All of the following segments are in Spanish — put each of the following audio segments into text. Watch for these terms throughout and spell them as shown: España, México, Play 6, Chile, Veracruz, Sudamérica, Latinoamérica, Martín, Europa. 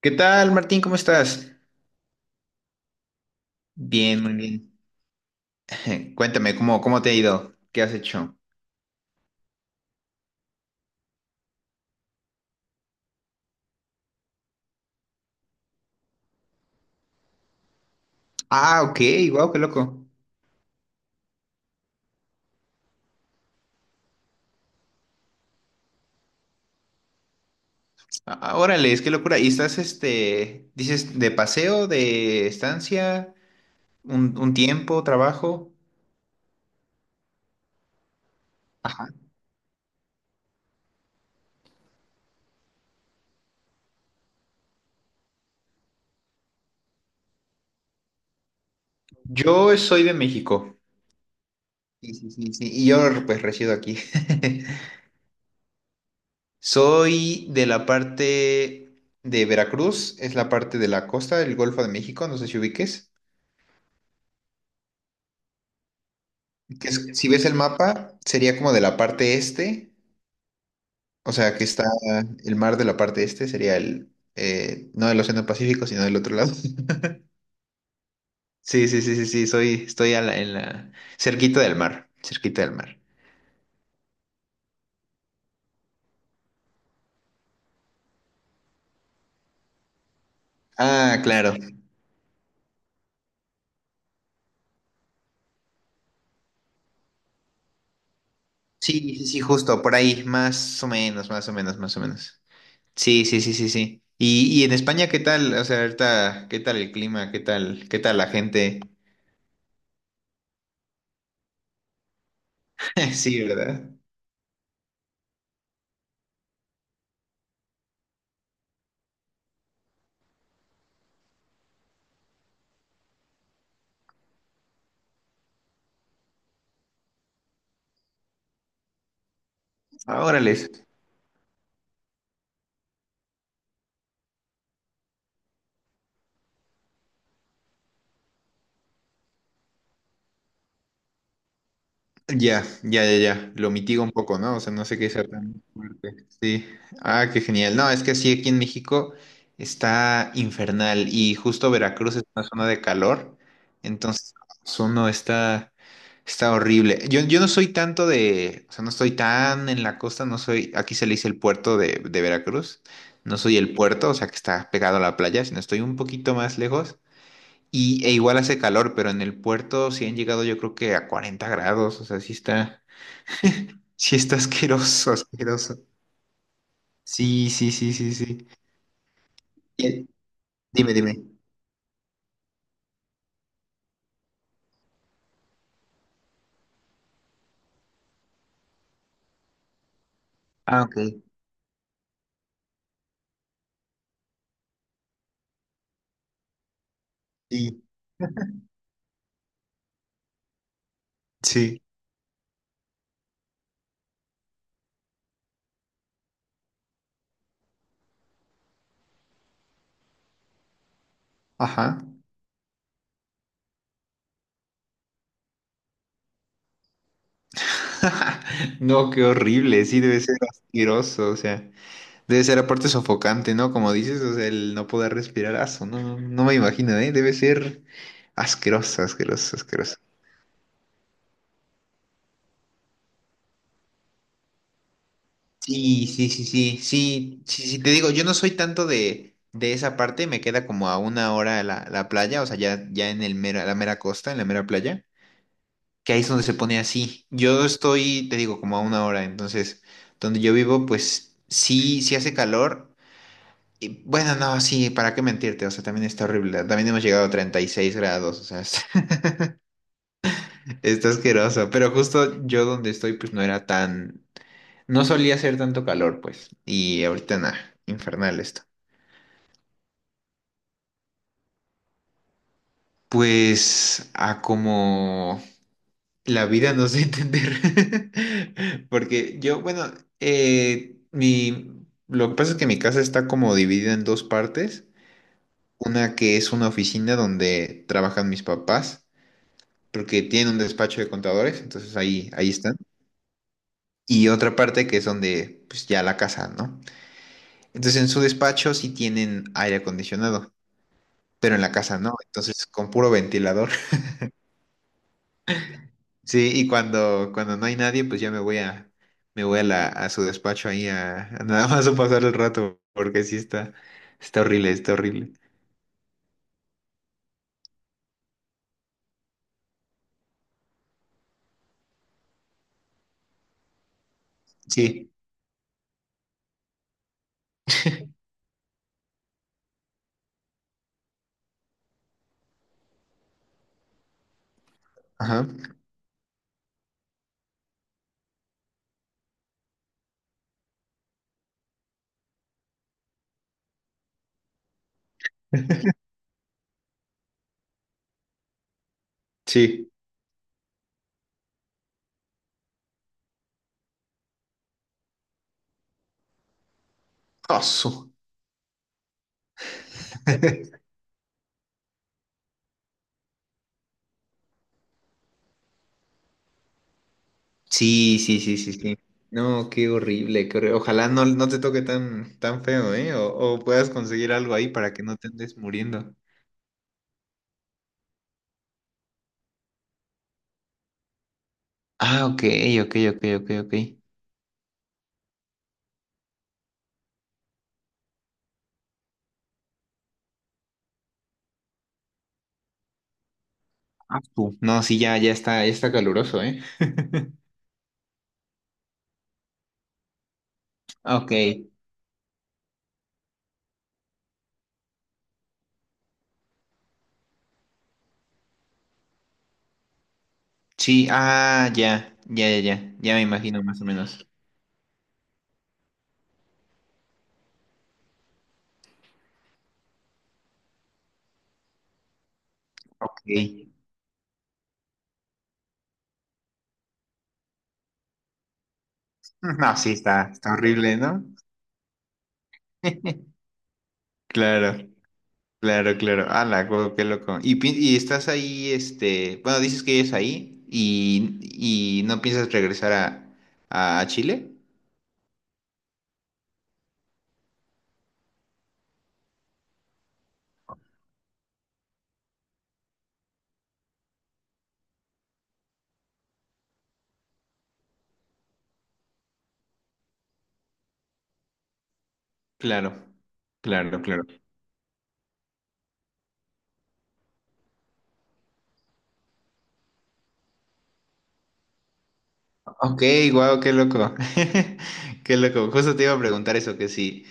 ¿Qué tal, Martín? ¿Cómo estás? Bien, muy bien. Cuéntame, ¿cómo te ha ido? ¿Qué has hecho? Ah, ok, wow, qué loco. Ah, órale, es qué locura. ¿Y estás, este, dices, de paseo, de estancia, un tiempo, trabajo? Ajá. Yo soy de México. Sí, sí, sí, sí. Y yo, pues, resido aquí. Soy de la parte de Veracruz, es la parte de la costa del Golfo de México, no sé si ubiques. Si ves el mapa, sería como de la parte este. O sea, que está el mar de la parte este, sería el, no del Océano Pacífico, sino del otro lado. Sí, sí, sí, sí, sí, estoy a la- en la, cerquita del mar, cerquita del mar. Ah, claro. Sí, sí, sí, justo, por ahí, más o menos, más o menos, más o menos. Sí, sí, sí, sí, sí. Y en España, ¿qué tal? O sea, ahorita, ¿qué tal el clima? ¿Qué tal la gente? Sí, ¿verdad? Ah, órales. Ya, ya, ya, ya. Lo mitiga un poco, ¿no? O sea, no sé qué sea tan fuerte. Sí. Ah, qué genial. No, es que sí, aquí en México está infernal y justo Veracruz es una zona de calor. Entonces, eso no está, está horrible. Yo no soy tanto de, o sea, no estoy tan en la costa, no soy, aquí se le dice el puerto de Veracruz. No soy el puerto, o sea, que está pegado a la playa, sino estoy un poquito más lejos. E igual hace calor, pero en el puerto sí han llegado yo creo que a 40 grados, o sea, sí está asqueroso, asqueroso. Sí, sí, sí, sí, sí. Y- Dime, dime. Ah, ok. Sí, sí. Ajá. No, qué horrible, sí, debe ser asqueroso, o sea, debe ser aparte sofocante, ¿no? Como dices, o sea, el no poder respirar, no, no me imagino, ¿eh? Debe ser asqueroso, asqueroso, asqueroso. Sí, sí, sí, sí, sí, sí, sí, te digo, yo no soy tanto de, esa parte, me queda como a una hora la playa, o sea, ya, ya la mera costa, en la mera playa, que ahí es donde se pone así. Yo estoy, te digo, como a una hora, entonces, donde yo vivo, pues sí, sí hace calor, y bueno, no, sí, ¿para qué mentirte? O sea, también está horrible, también hemos llegado a 36 grados, o sea, está, está asqueroso, pero justo yo donde estoy, pues no era tan, no solía hacer tanto calor, pues, y ahorita nada, infernal esto. Pues a como la vida nos dé a entender. Porque yo, bueno, lo que pasa es que mi casa está como dividida en dos partes. Una que es una oficina donde trabajan mis papás, porque tienen un despacho de contadores, entonces ahí están. Y otra parte que es donde, pues ya la casa, ¿no? Entonces en su despacho sí tienen aire acondicionado, pero en la casa no, entonces con puro ventilador. Sí, y cuando no hay nadie, pues ya me voy a a su despacho ahí a nada más a pasar el rato, porque sí está horrible, está horrible. Sí, ajá, sí. Ah, su. Sí, sí, sí, sí, sí. No, qué horrible, Ojalá no, no te toque tan feo, ¿eh? O puedas conseguir algo ahí para que no te andes muriendo. Ah, ok, ok, ok, ok, ok. Ah, su. No, sí, ya, ya está caluroso, ¿eh? Ok. Sí, ah, ya, ya, ya, ya, ya me imagino más o menos. Sí. No, sí, está horrible, ¿no? Claro, claro, claro. Ala, guau, qué loco. Y estás ahí, este, bueno, dices que es ahí y no piensas regresar a Chile. Claro, claro, claro. Ok, wow, qué loco. Qué loco. Justo te iba a preguntar eso, que si,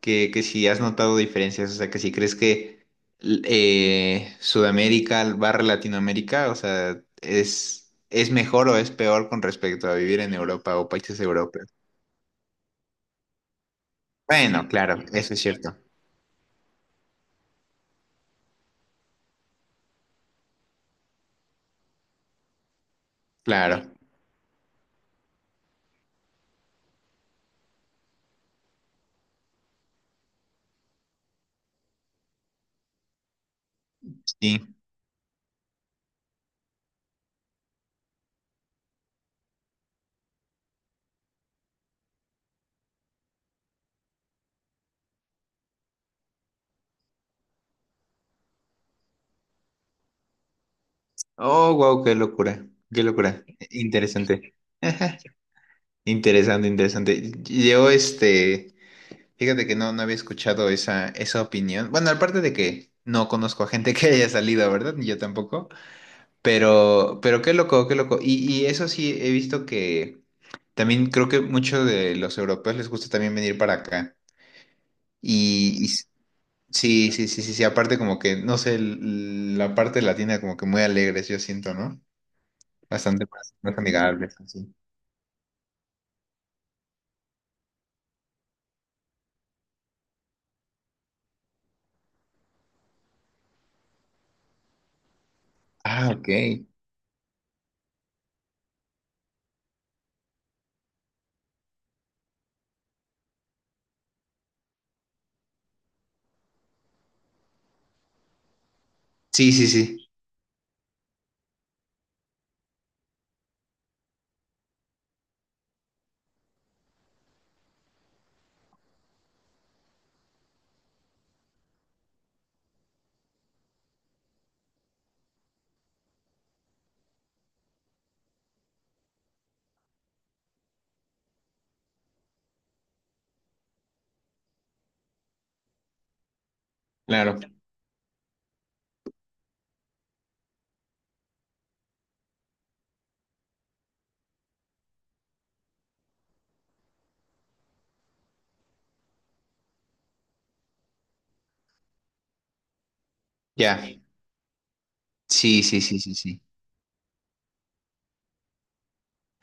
que, que si has notado diferencias, o sea, que si crees que Sudamérica barra Latinoamérica, o sea, es mejor o es peor con respecto a vivir en Europa o países europeos. Bueno, claro, eso es cierto. Claro, sí. Oh, wow, qué locura. Qué locura. Interesante. Interesante, interesante. Yo, este. Fíjate que no había escuchado esa, opinión. Bueno, aparte de que no conozco a gente que haya salido, ¿verdad? Ni yo tampoco. Pero qué loco, qué loco. Y eso sí, he visto que también creo que muchos de los europeos les gusta también venir para acá. Y, y s- sí, sí, sí, sí, sí. Aparte como que, no sé, la parte latina como que muy alegres, yo siento, ¿no? Bastante más amigables, así. Ah, ok. Sí, sí, sí. Claro. Ya. Sí, sí, sí, sí, sí.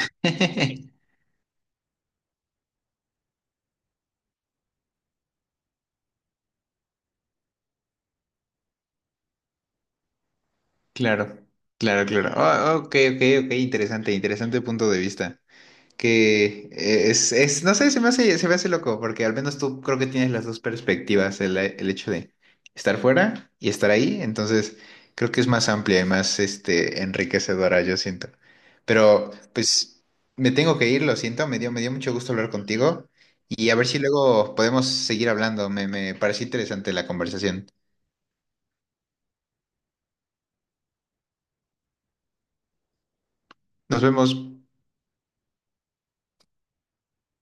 Claro, claro, claro. Ah, ok, ok, ok, interesante, interesante punto de vista. Que es, no sé, se me hace loco, porque al menos tú creo que tienes las dos perspectivas, el hecho de estar fuera y estar ahí, entonces creo que es más amplia y más, este, enriquecedora, yo siento. Pero, pues, me tengo que ir, lo siento, me dio mucho gusto hablar contigo y a ver si luego podemos seguir hablando, me pareció interesante la conversación. Nos vemos.